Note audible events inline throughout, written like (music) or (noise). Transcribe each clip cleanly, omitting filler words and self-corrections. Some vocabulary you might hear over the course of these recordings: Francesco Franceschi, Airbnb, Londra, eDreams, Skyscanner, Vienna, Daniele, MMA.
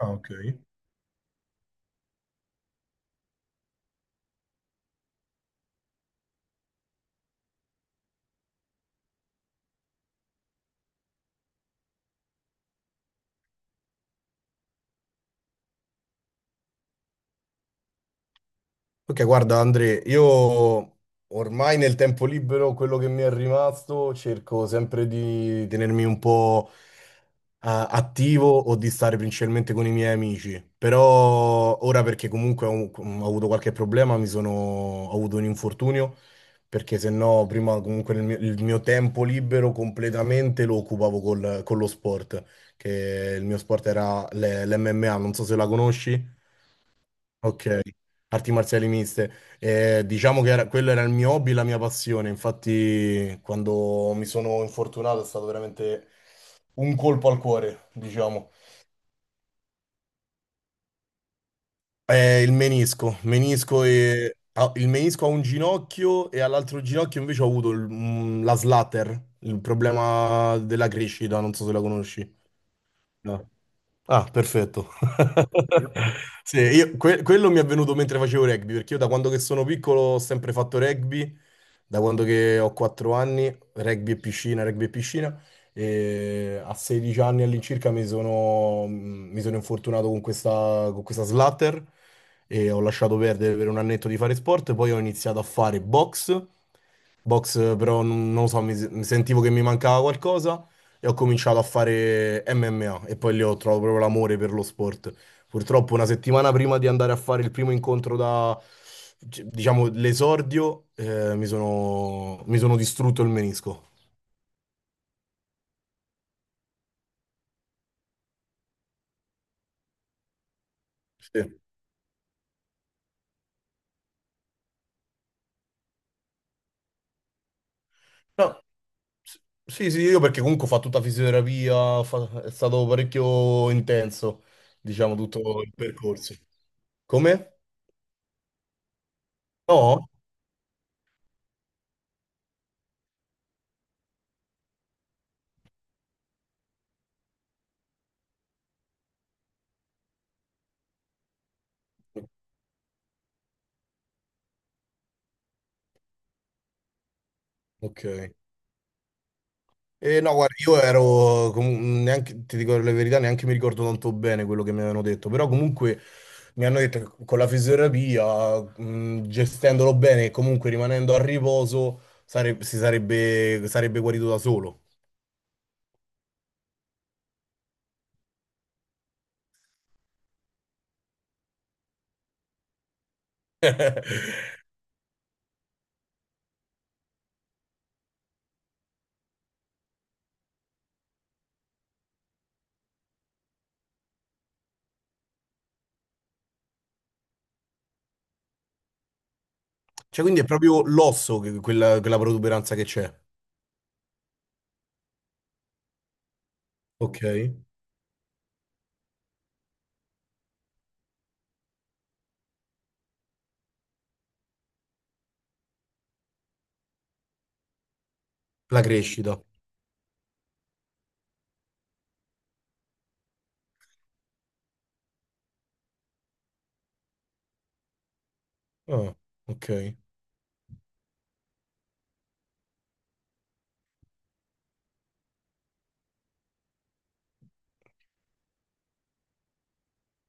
Ah, ok. Ok, guarda Andre, io ormai nel tempo libero, quello che mi è rimasto, cerco sempre di tenermi un po' attivo o di stare principalmente con i miei amici. Però ora perché comunque ho avuto qualche problema, ho avuto un infortunio, perché se no prima comunque il mio tempo libero completamente lo occupavo con lo sport, che il mio sport era l'MMA, non so se la conosci. Ok, arti marziali miste. Quello era il mio hobby, la mia passione. Infatti, quando mi sono infortunato è stato veramente un colpo al cuore, diciamo. Il menisco. Menisco e... il menisco a un ginocchio e all'altro ginocchio invece ho avuto la slatter, il problema della crescita, non so se la conosci. No. Ah, perfetto. (laughs) Io- Sì, quello mi è venuto mentre facevo rugby, perché io da quando che sono piccolo ho sempre fatto rugby, da quando che ho 4 anni, rugby e piscina, e a 16 anni all'incirca mi sono infortunato con con questa slatter e ho lasciato perdere per un annetto di fare sport, poi ho iniziato a fare box, però non lo so, mi sentivo che mi mancava qualcosa e ho cominciato a fare MMA e poi lì ho trovato proprio l'amore per lo sport. Purtroppo una settimana prima di andare a fare il primo incontro da, c- diciamo, l'esordio, mi sono distrutto il menisco. Sì. No, s- sì, sì, io perché comunque ho fatto tutta fisioterapia, è stato parecchio intenso, diciamo, tutto il percorso. Come? No? Ok. E no, guarda, neanche, ti dico la verità, neanche mi ricordo tanto bene quello che mi avevano detto, però comunque mi hanno detto che con la fisioterapia, gestendolo bene e comunque rimanendo a riposo, sarebbe guarito da solo. Cioè, quindi è proprio l'osso, quella, quella protuberanza che c'è, ok? La crescita. Ah, ok.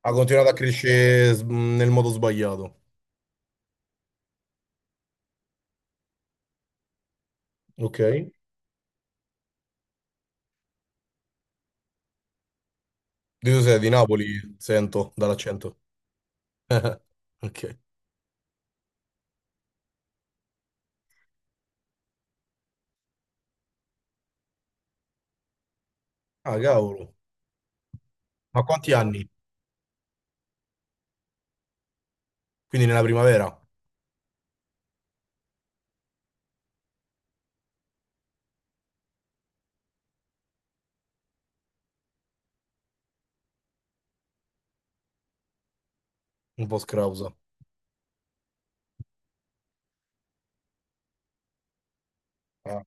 Ha continuato a crescere nel modo sbagliato, ok? Tu sei di Napoli, sento dall'accento. (laughs) Ok. Ah, cavolo. Ma quanti anni? Quindi nella primavera? Un po' scrausa. Ah,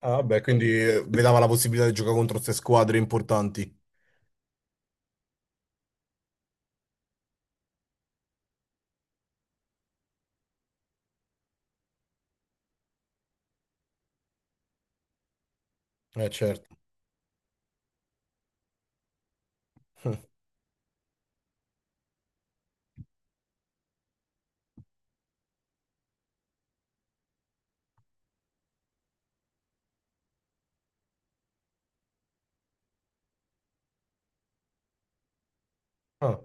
ah, vabbè, quindi vedava la possibilità di giocare contro queste squadre importanti. Certo. (laughs) Ah,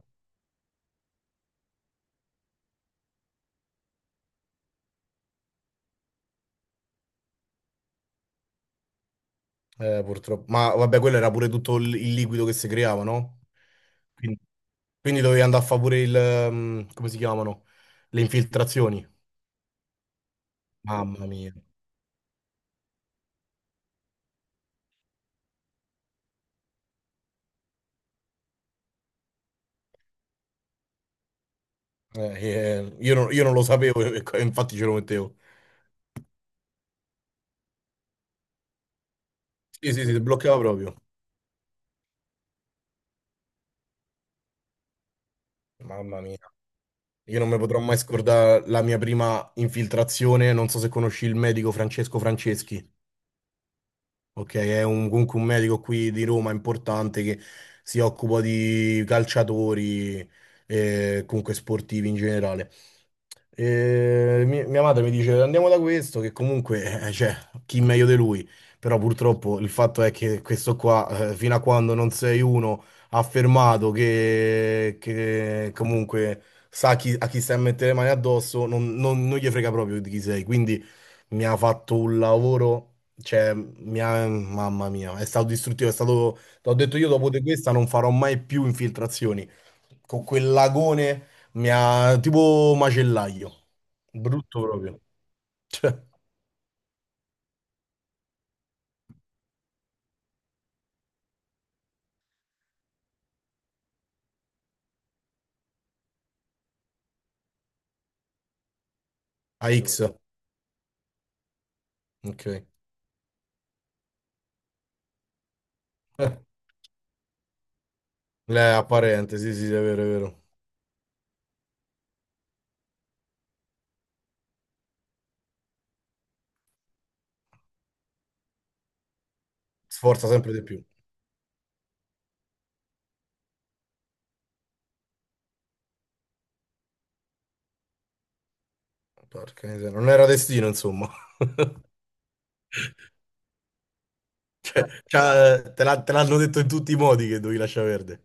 purtroppo. Ma vabbè, quello era pure tutto il liquido che si creava, no? Quindi, quindi dovevi andare a favore il... come si chiamano? Le infiltrazioni. Mamma mia. Eh, io non lo sapevo, (laughs) e infatti ce lo mettevo. Sì, sì, sì, si bloccava proprio. Mamma mia. Io non mi potrò mai scordare la mia prima infiltrazione. Non so se conosci il medico Francesco Franceschi. Ok, è comunque un medico qui di Roma importante che si occupa di calciatori e comunque sportivi in generale. E mia madre mi dice andiamo da questo, che comunque cioè, chi meglio di lui? Però purtroppo il fatto è che questo qua, fino a quando non sei uno affermato che comunque a chi stai a mettere le mani addosso, non gli frega proprio di chi sei. Quindi mi ha fatto un lavoro. Cioè, mamma mia, è stato distruttivo, è stato... T'ho detto io dopo di questa non farò mai più infiltrazioni. Con quel lagone mi ha... tipo macellaio. Brutto proprio. Cioè, a X. Ok. È apparente, sì, sì, è vero, è vero. Sforza sempre di più. Porca miseria, non era destino, insomma. (laughs) Cioè, te l'hanno detto in tutti i modi che dovevi lasciare verde.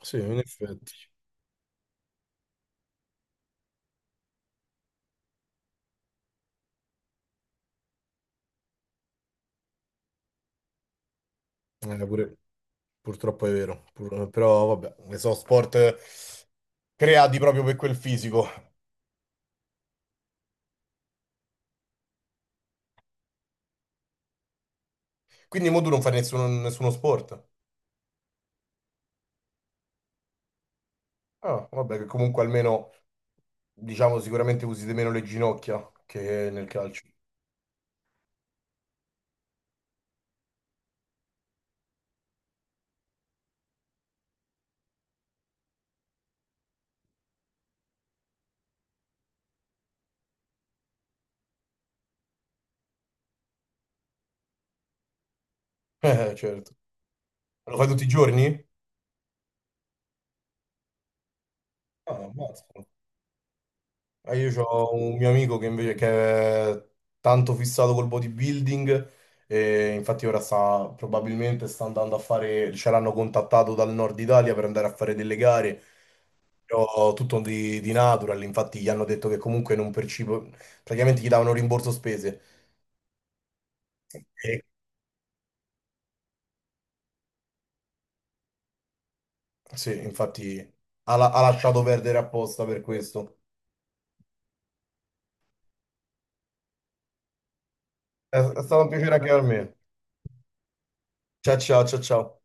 Sì, in effetti. Pure... Purtroppo è vero, però vabbè, so sport creati proprio per quel fisico. Quindi mo tu non fai nessuno sport. Ah, vabbè, che comunque almeno, diciamo, sicuramente usi di meno le ginocchia che nel calcio. (laughs) Certo. Lo fai tutti i giorni? Ah, ammazza. Io ho un mio amico che è tanto fissato col bodybuilding e infatti ora sta, probabilmente sta andando a fare, ce l'hanno contattato dal nord Italia per andare a fare delle gare. Però tutto di natural, infatti gli hanno detto che comunque non percibo, praticamente gli davano rimborso spese. E sì, infatti ha lasciato perdere apposta per questo. È stato un piacere anche per me. Ciao ciao ciao ciao.